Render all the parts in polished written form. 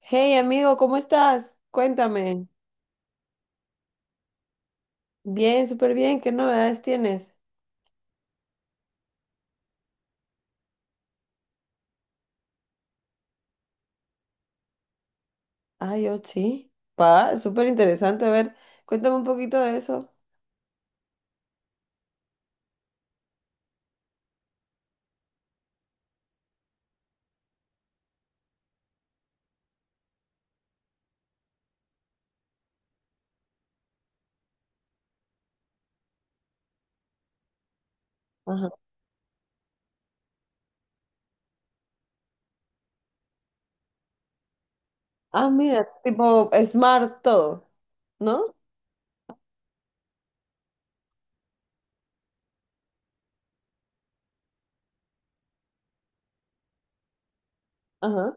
Hey amigo, ¿cómo estás? Cuéntame. Bien, súper bien. ¿Qué novedades tienes? Ah, yo sí. Pa, súper interesante. A ver, cuéntame un poquito de eso. Ajá. Ah, mira, tipo smart todo, ¿no? Ajá.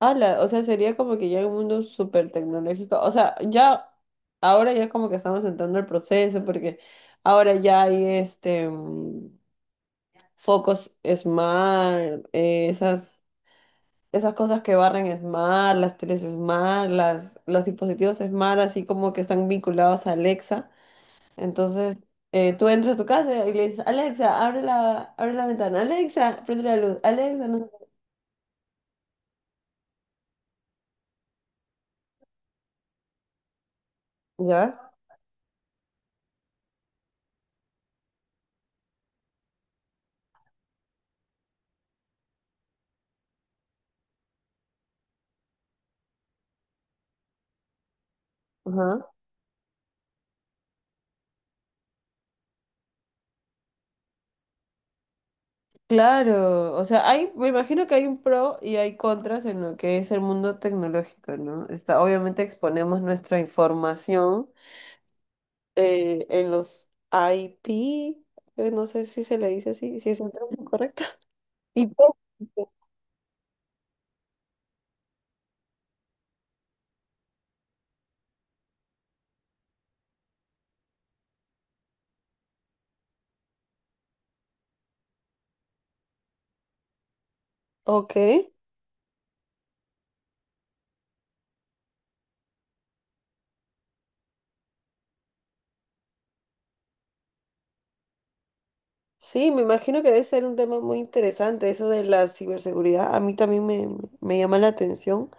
Ala, o sea, sería como que ya un mundo súper tecnológico. O sea, ya, ahora ya como que estamos entrando al proceso porque ahora ya hay este focos smart, esas. Esas cosas que barren Smart, las teles Smart, los dispositivos Smart, así como que están vinculados a Alexa. Entonces, tú entras a tu casa y le dices, Alexa, abre la ventana, Alexa, prende la luz, Alexa, no sé qué". ¿Ya? Ajá. Claro, o sea, hay, me imagino que hay un pro y hay contras en lo que es el mundo tecnológico, ¿no? Está, obviamente exponemos nuestra información en los IP, no sé si se le dice así, si es el término correcto. Hipócrita. Ok, sí, me imagino que debe ser un tema muy interesante eso de la ciberseguridad. A mí también me llama la atención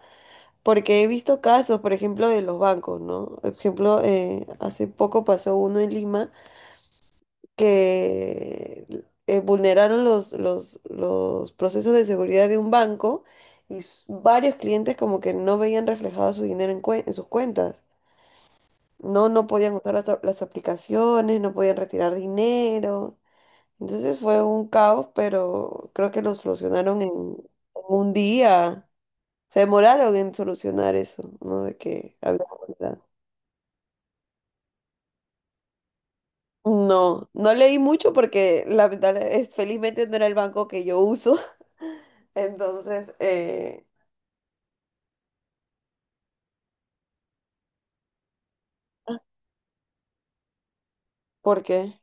porque he visto casos, por ejemplo, de los bancos, ¿no? Por ejemplo, hace poco pasó uno en Lima que vulneraron los procesos de seguridad de un banco y varios clientes como que no veían reflejado su dinero en, en sus cuentas. No, no podían usar las aplicaciones, no podían retirar dinero. Entonces fue un caos, pero creo que lo solucionaron en un día. Se demoraron en solucionar eso, ¿no? De que había verdad. No, no leí mucho porque lamentable es, felizmente no era el banco que yo uso. Entonces, ¿por qué?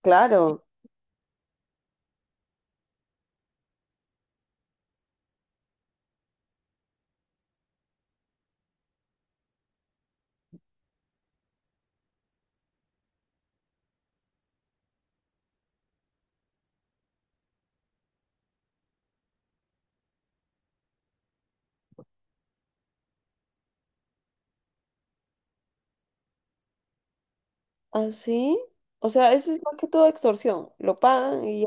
Claro. ¿Así? O sea, eso es más que todo extorsión. Lo pagan y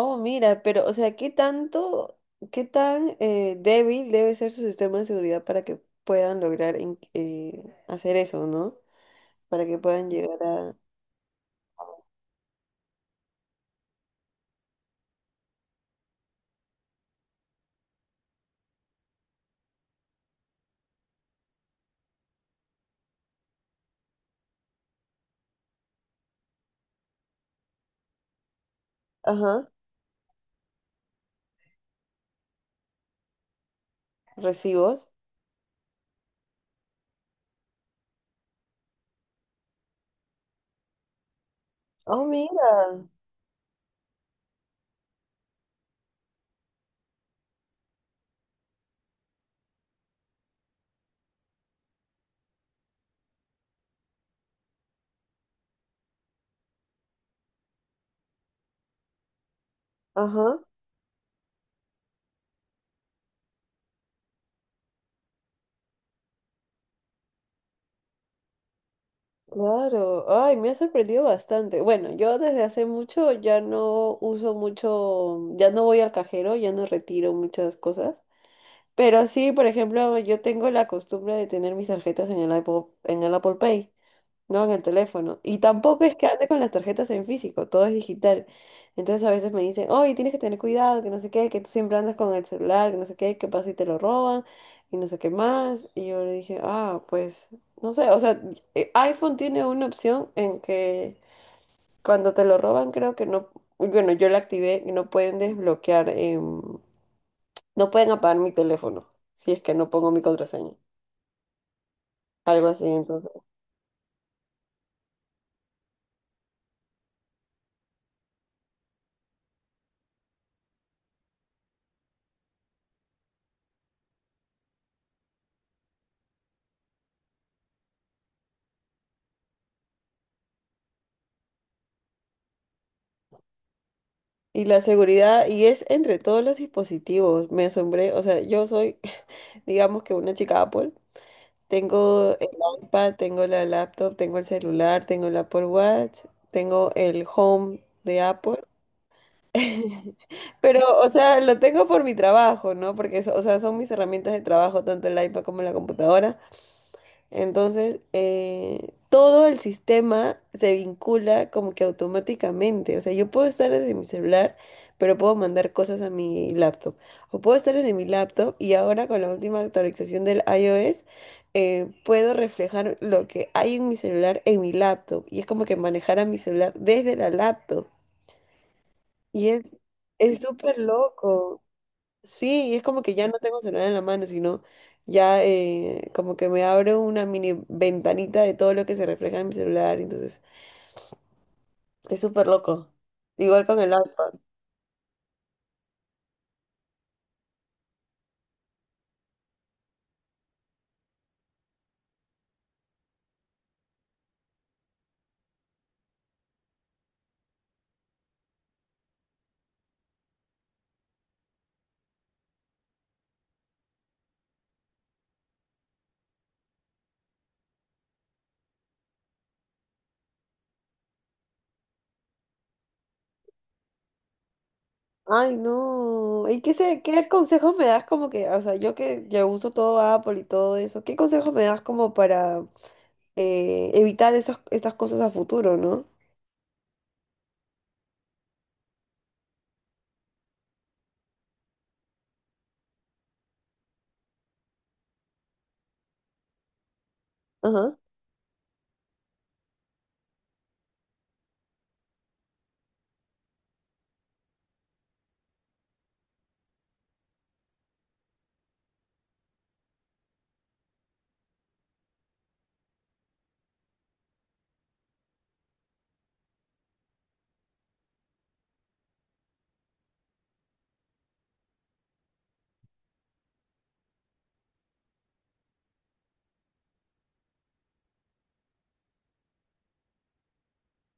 oh, mira, pero, o sea, ¿qué tanto, qué tan débil debe ser su sistema de seguridad para que puedan lograr hacer eso, ¿no? Para que puedan llegar a, ajá, recibos. Oh, mira, ajá, claro. Ay, me ha sorprendido bastante. Bueno, yo desde hace mucho ya no uso mucho, ya no voy al cajero, ya no retiro muchas cosas. Pero sí, por ejemplo, yo tengo la costumbre de tener mis tarjetas en el Apple Pay. No, en el teléfono. Y tampoco es que ande con las tarjetas en físico, todo es digital. Entonces a veces me dicen, oye, tienes que tener cuidado, que no sé qué, que tú siempre andas con el celular, que no sé qué, qué pasa si te lo roban y no sé qué más. Y yo le dije, ah, pues, no sé, o sea, iPhone tiene una opción en que cuando te lo roban creo que no, bueno, yo la activé y no pueden desbloquear, no pueden apagar mi teléfono si es que no pongo mi contraseña. Algo así, entonces y la seguridad, y es entre todos los dispositivos, me asombré, o sea, yo soy, digamos que una chica Apple, tengo el iPad, tengo la laptop, tengo el celular, tengo el Apple Watch, tengo el Home de Apple, pero, o sea, lo tengo por mi trabajo, ¿no? Porque, o sea, son mis herramientas de trabajo, tanto el iPad como la computadora. Entonces, todo el sistema se vincula como que automáticamente. O sea, yo puedo estar desde mi celular, pero puedo mandar cosas a mi laptop. O puedo estar desde mi laptop y ahora con la última actualización del iOS, puedo reflejar lo que hay en mi celular en mi laptop. Y es como que manejar a mi celular desde la laptop. Y es súper loco. Sí, y es como que ya no tengo celular en la mano, sino ya como que me abro una mini ventanita de todo lo que se refleja en mi celular, entonces es súper loco. Igual con el iPad. Ay, no. ¿Y qué se, qué consejos me das como que, o sea, yo que ya uso todo Apple y todo eso, ¿qué consejos me das como para evitar estas cosas a futuro, ¿no? Ajá.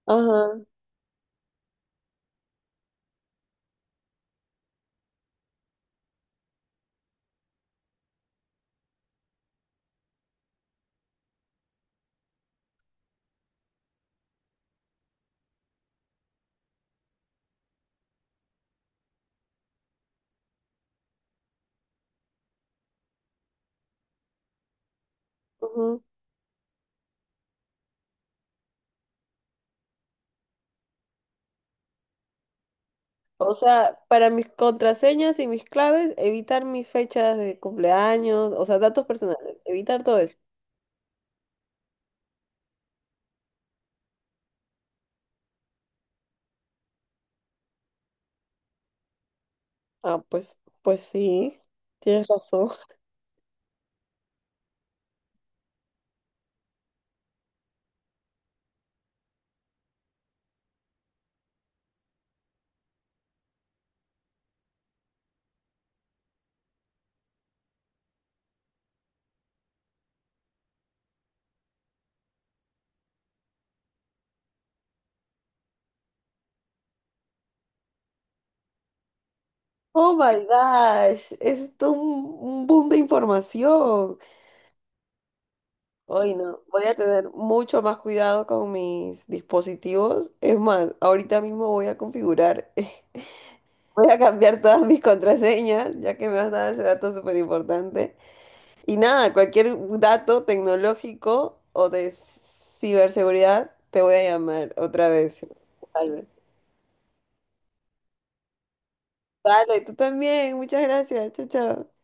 Ajá. Ajá. O sea, para mis contraseñas y mis claves, evitar mis fechas de cumpleaños, o sea, datos personales, evitar todo eso. Ah, pues, pues sí, tienes razón. Oh my gosh, es todo un boom de información. Hoy no, voy a tener mucho más cuidado con mis dispositivos. Es más, ahorita mismo voy a configurar, voy a cambiar todas mis contraseñas, ya que me has dado ese dato súper importante. Y nada, cualquier dato tecnológico o de ciberseguridad, te voy a llamar otra vez. Albert. Dale, tú también. Muchas gracias. Chao, chao.